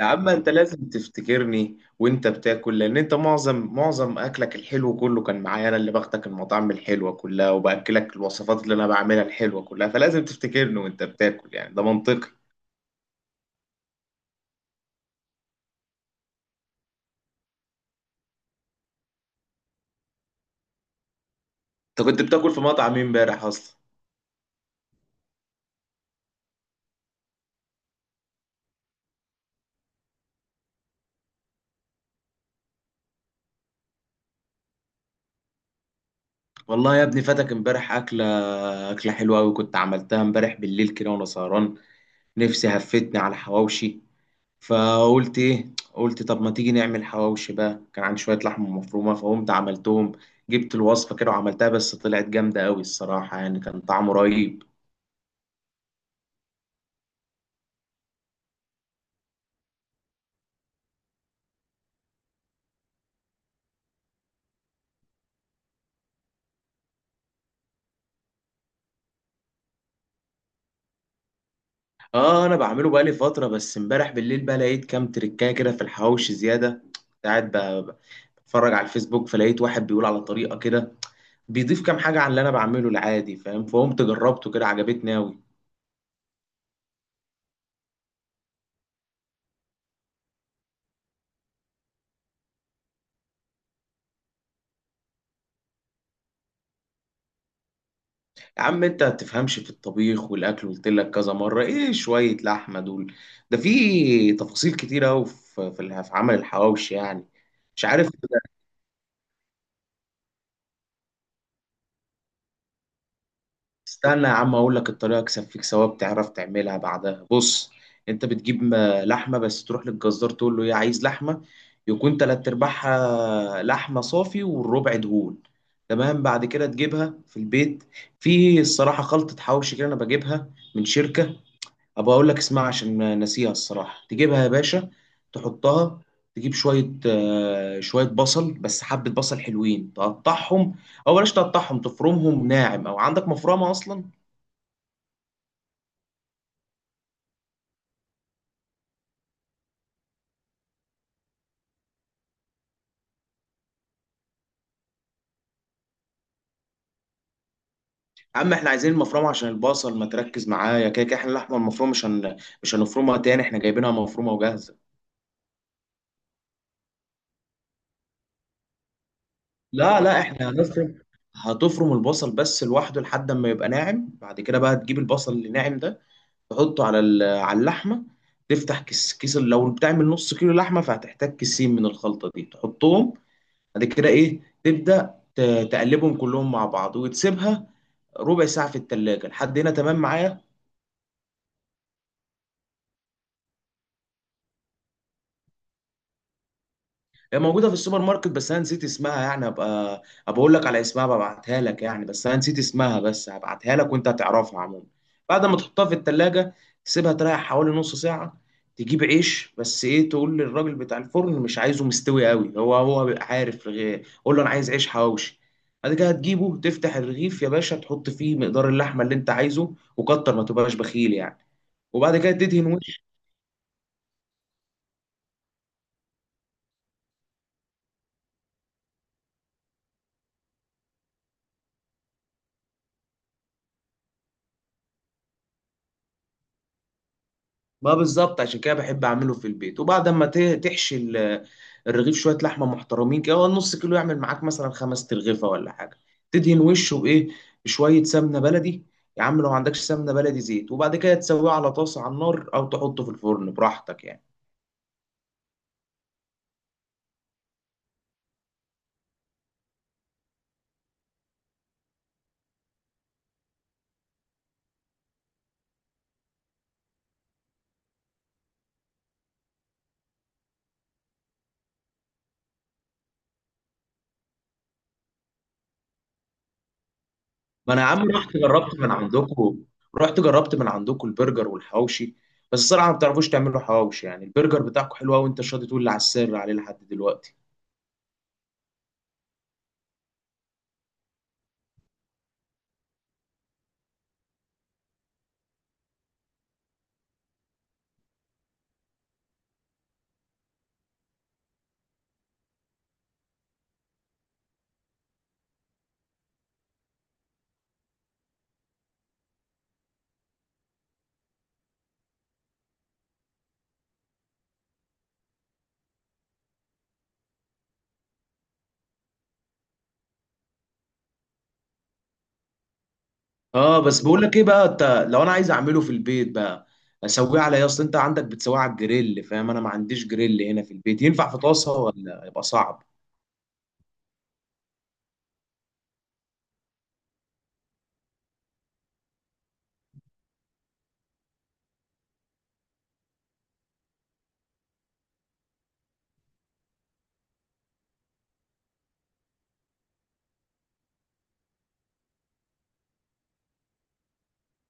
يا عم انت لازم تفتكرني وانت بتاكل، لان انت معظم اكلك الحلو كله كان معايا، انا اللي باخدك المطاعم الحلوه كلها وباكلك الوصفات اللي انا بعملها الحلوه كلها، فلازم تفتكرني وانت بتاكل، يعني ده منطقي. انت كنت بتاكل في مطعم مين امبارح اصلا؟ والله يا ابني فاتك امبارح اكله، اكله حلوه قوي كنت عملتها امبارح بالليل كده وانا سهران. نفسي هفتني على حواوشي، فقلت ايه، قلت طب ما تيجي نعمل حواوشي بقى، كان عندي شويه لحمه مفرومه فقمت عملتهم. جبت الوصفه كده وعملتها بس طلعت جامده قوي الصراحه يعني، كان طعمه رهيب. اه، انا بعمله بقالي فتره، بس امبارح بالليل بقى لقيت كام تريكايه كده في الحواوشي زياده. كنت قاعد بتفرج على الفيسبوك، فلقيت واحد بيقول على طريقه كده بيضيف كام حاجه عن اللي انا بعمله العادي، فاهم؟ فقمت جربته كده عجبتني قوي. يا عم انت ما بتفهمش في الطبيخ والاكل، قلت لك كذا مره ايه شويه لحمه دول، ده في تفاصيل كتير قوي في عمل الحواوشي يعني. مش عارف. استنى يا عم اقول لك الطريقه اكسب فيك ثواب تعرف تعملها بعدها. بص، انت بتجيب لحمه، بس تروح للجزار تقول له ايه عايز لحمه يكون تلات ارباعها لحمه صافي والربع دهون، تمام؟ بعد كده تجيبها في البيت. في الصراحه خلطه حواوشي كده انا بجيبها من شركه، ابقى اقول لك اسمها عشان ما ناسيها الصراحه، تجيبها يا باشا تحطها. تجيب شويه بصل، بس حبه بصل حلوين تقطعهم، او بلاش تقطعهم تفرمهم ناعم، او عندك مفرمه اصلا. يا عم احنا عايزين المفرمه عشان البصل، ما تركز معايا، كده كده احنا اللحمه المفرومه مش هنفرمها تاني، احنا جايبينها مفرومه وجاهزه. لا لا، احنا هتفرم البصل بس لوحده لحد ما يبقى ناعم، بعد كده بقى تجيب البصل اللي ناعم ده تحطه على اللحمه. تفتح كيس كيس، لو بتعمل نص كيلو لحمه فهتحتاج كيسين من الخلطه دي تحطهم. بعد كده ايه، تقلبهم كلهم مع بعض وتسيبها ربع ساعه في التلاجة، لحد هنا تمام معايا؟ هي موجودة في السوبر ماركت، بس أنا نسيت اسمها يعني، أبقى أقول لك على اسمها ببعتها لك يعني، بس أنا نسيت اسمها، بس هبعتها لك وأنت هتعرفها عموما. بعد ما تحطها في التلاجة تسيبها تريح حوالي نص ساعة. تجيب عيش، بس إيه تقول للراجل بتاع الفرن مش عايزه مستوي قوي، هو هو بيبقى عارف، قول له أنا عايز عيش حواوشي. بعد كده هتجيبه تفتح الرغيف يا باشا، تحط فيه مقدار اللحمة اللي أنت عايزه، وكتر ما تبقاش بخيل يعني. وبعد كده تدهن وش. ما بالظبط، عشان كده بحب اعمله في البيت. وبعد ما تحشي الرغيف شويه لحمه محترمين كده، هو نص كيلو يعمل معاك مثلا خمس ترغيفه ولا حاجه. تدهن وشه بايه؟ بشويه سمنه بلدي. يا عم لو ما عندكش سمنه بلدي زيت، وبعد كده تسويه على طاسه على النار، او تحطه في الفرن براحتك يعني. ما انا يا عم رحت جربت من عندكم البرجر والحواوشي، بس الصراحه ما بتعرفوش تعملوا حواوشي يعني. البرجر بتاعكم حلو قوي، وانت شاطر تقول لي على السر عليه لحد دلوقتي. اه بس بقول لك ايه بقى انت، لو انا عايز اعمله في البيت بقى اسويه على ايه؟ اصل انت عندك بتسويه على الجريل، فاهم؟ انا ما عنديش جريل هنا في البيت، ينفع في طاسه ولا يبقى صعب؟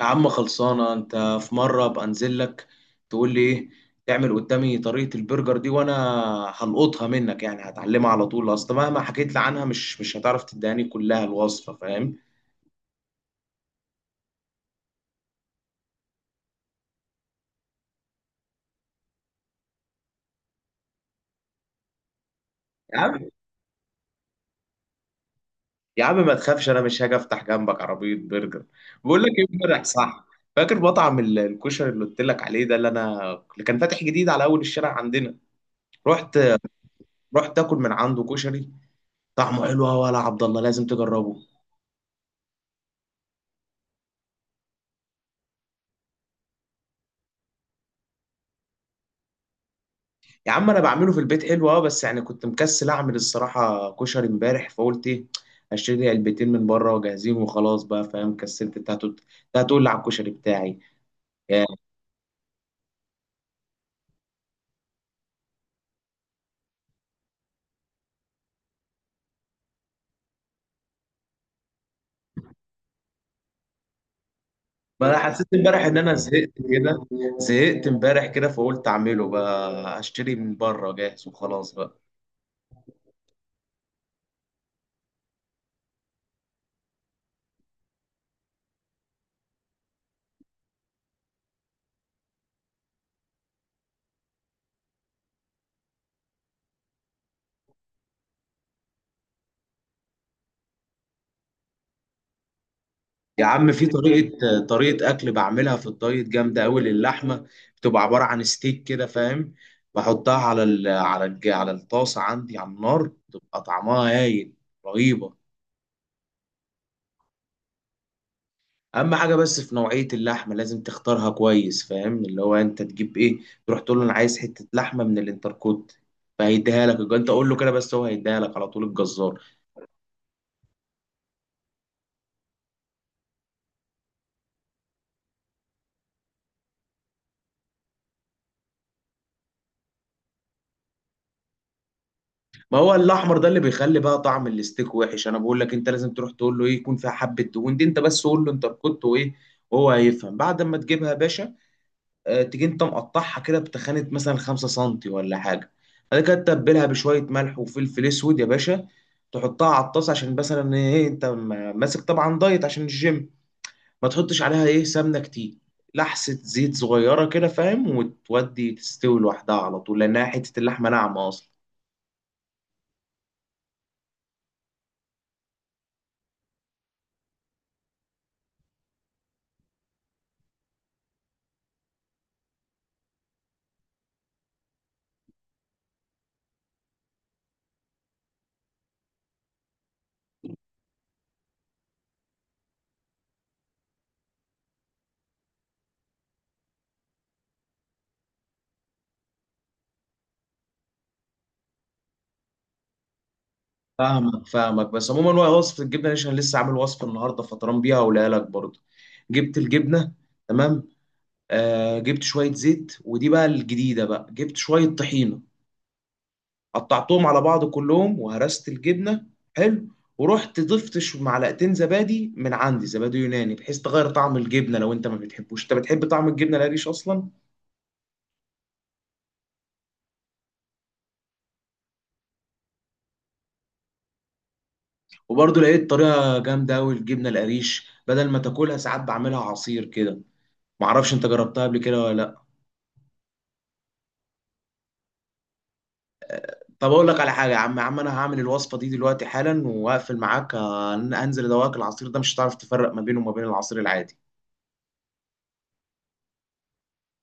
يا عم خلصانه، انت في مره ابقى انزل لك تقول لي ايه تعمل قدامي طريقه البرجر دي، وانا هلقطها منك يعني، هتعلمها على طول، اصل مهما حكيت لي عنها مش هتعرف تداني كلها الوصفه فاهم. يا عم ما تخافش انا مش هاجي افتح جنبك عربيه برجر. بقول لك ايه امبارح، صح؟ فاكر مطعم الكشري اللي قلت لك عليه ده، اللي انا اللي كان فاتح جديد على اول الشارع عندنا. رحت رحت اكل من عنده كشري، طعمه حلو قوي يا عبد الله، لازم تجربه. يا عم انا بعمله في البيت حلو اه، بس يعني كنت مكسل اعمل الصراحه كشري امبارح، فقلت ايه اشتري علبتين من بره وجاهزين وخلاص بقى، فاهم؟ كسلت. انت هتقول إنت هتقول لي على الكشري بتاعي. ما انا حسيت امبارح ان انا زهقت كده، زهقت امبارح كده فقلت اعمله بقى هشتري من بره جاهز وخلاص بقى. يا عم في طريقة اكل بعملها في الدايت جامدة قوي للحمة، بتبقى عبارة عن ستيك كده، فاهم؟ بحطها على الطاسة عندي على النار، بتبقى طعمها هايل، رهيبة. اهم حاجة بس في نوعية اللحمة لازم تختارها كويس، فاهم؟ اللي هو انت تجيب ايه، تروح تقول له انا عايز حتة لحمة من الانتركوت، فهيديها لك، انت قول له كده بس هو هيديها لك على طول الجزار. ما هو الاحمر ده اللي بيخلي بقى طعم الستيك وحش، انا بقول لك انت لازم تروح تقول له ايه يكون فيها حبه دهون دي، انت بس قول له انت كنت وايه وهو هيفهم. بعد ما تجيبها يا باشا تيجي انت مقطعها كده بتخانه مثلا 5 سنتي ولا حاجه. بعد كده تتبلها بشويه ملح وفلفل اسود يا باشا، تحطها على الطاسه، عشان مثلا ايه انت ماسك طبعا دايت عشان الجيم، ما تحطش عليها ايه سمنه كتير، لحسه زيت صغيره كده فاهم، وتودي تستوي لوحدها على طول لانها حته اللحمه ناعمه اصلا. فاهمك بس عموما، هو وصفة الجبنة دي عشان لسه عامل وصفة النهاردة فطران بيها ولاقيها لك برضه. جبت الجبنة، تمام. آه جبت شوية زيت، ودي بقى الجديدة بقى، جبت شوية طحينة، قطعتهم على بعض كلهم وهرست الجبنة، حلو. ورحت ضفت معلقتين زبادي من عندي، زبادي يوناني، بحيث تغير طعم الجبنة لو انت ما بتحبوش، انت بتحب طعم الجبنة القريش اصلا؟ وبرضه لقيت طريقة جامدة قوي الجبنة القريش بدل ما تاكلها ساعات بعملها عصير كده، معرفش انت جربتها قبل كده ولا لا. طب اقول لك على حاجه يا عم، يا عم انا هعمل الوصفه دي دلوقتي حالا وهقفل معاك، هنزل ادوقك العصير ده مش هتعرف تفرق ما بينه وما بين العصير العادي.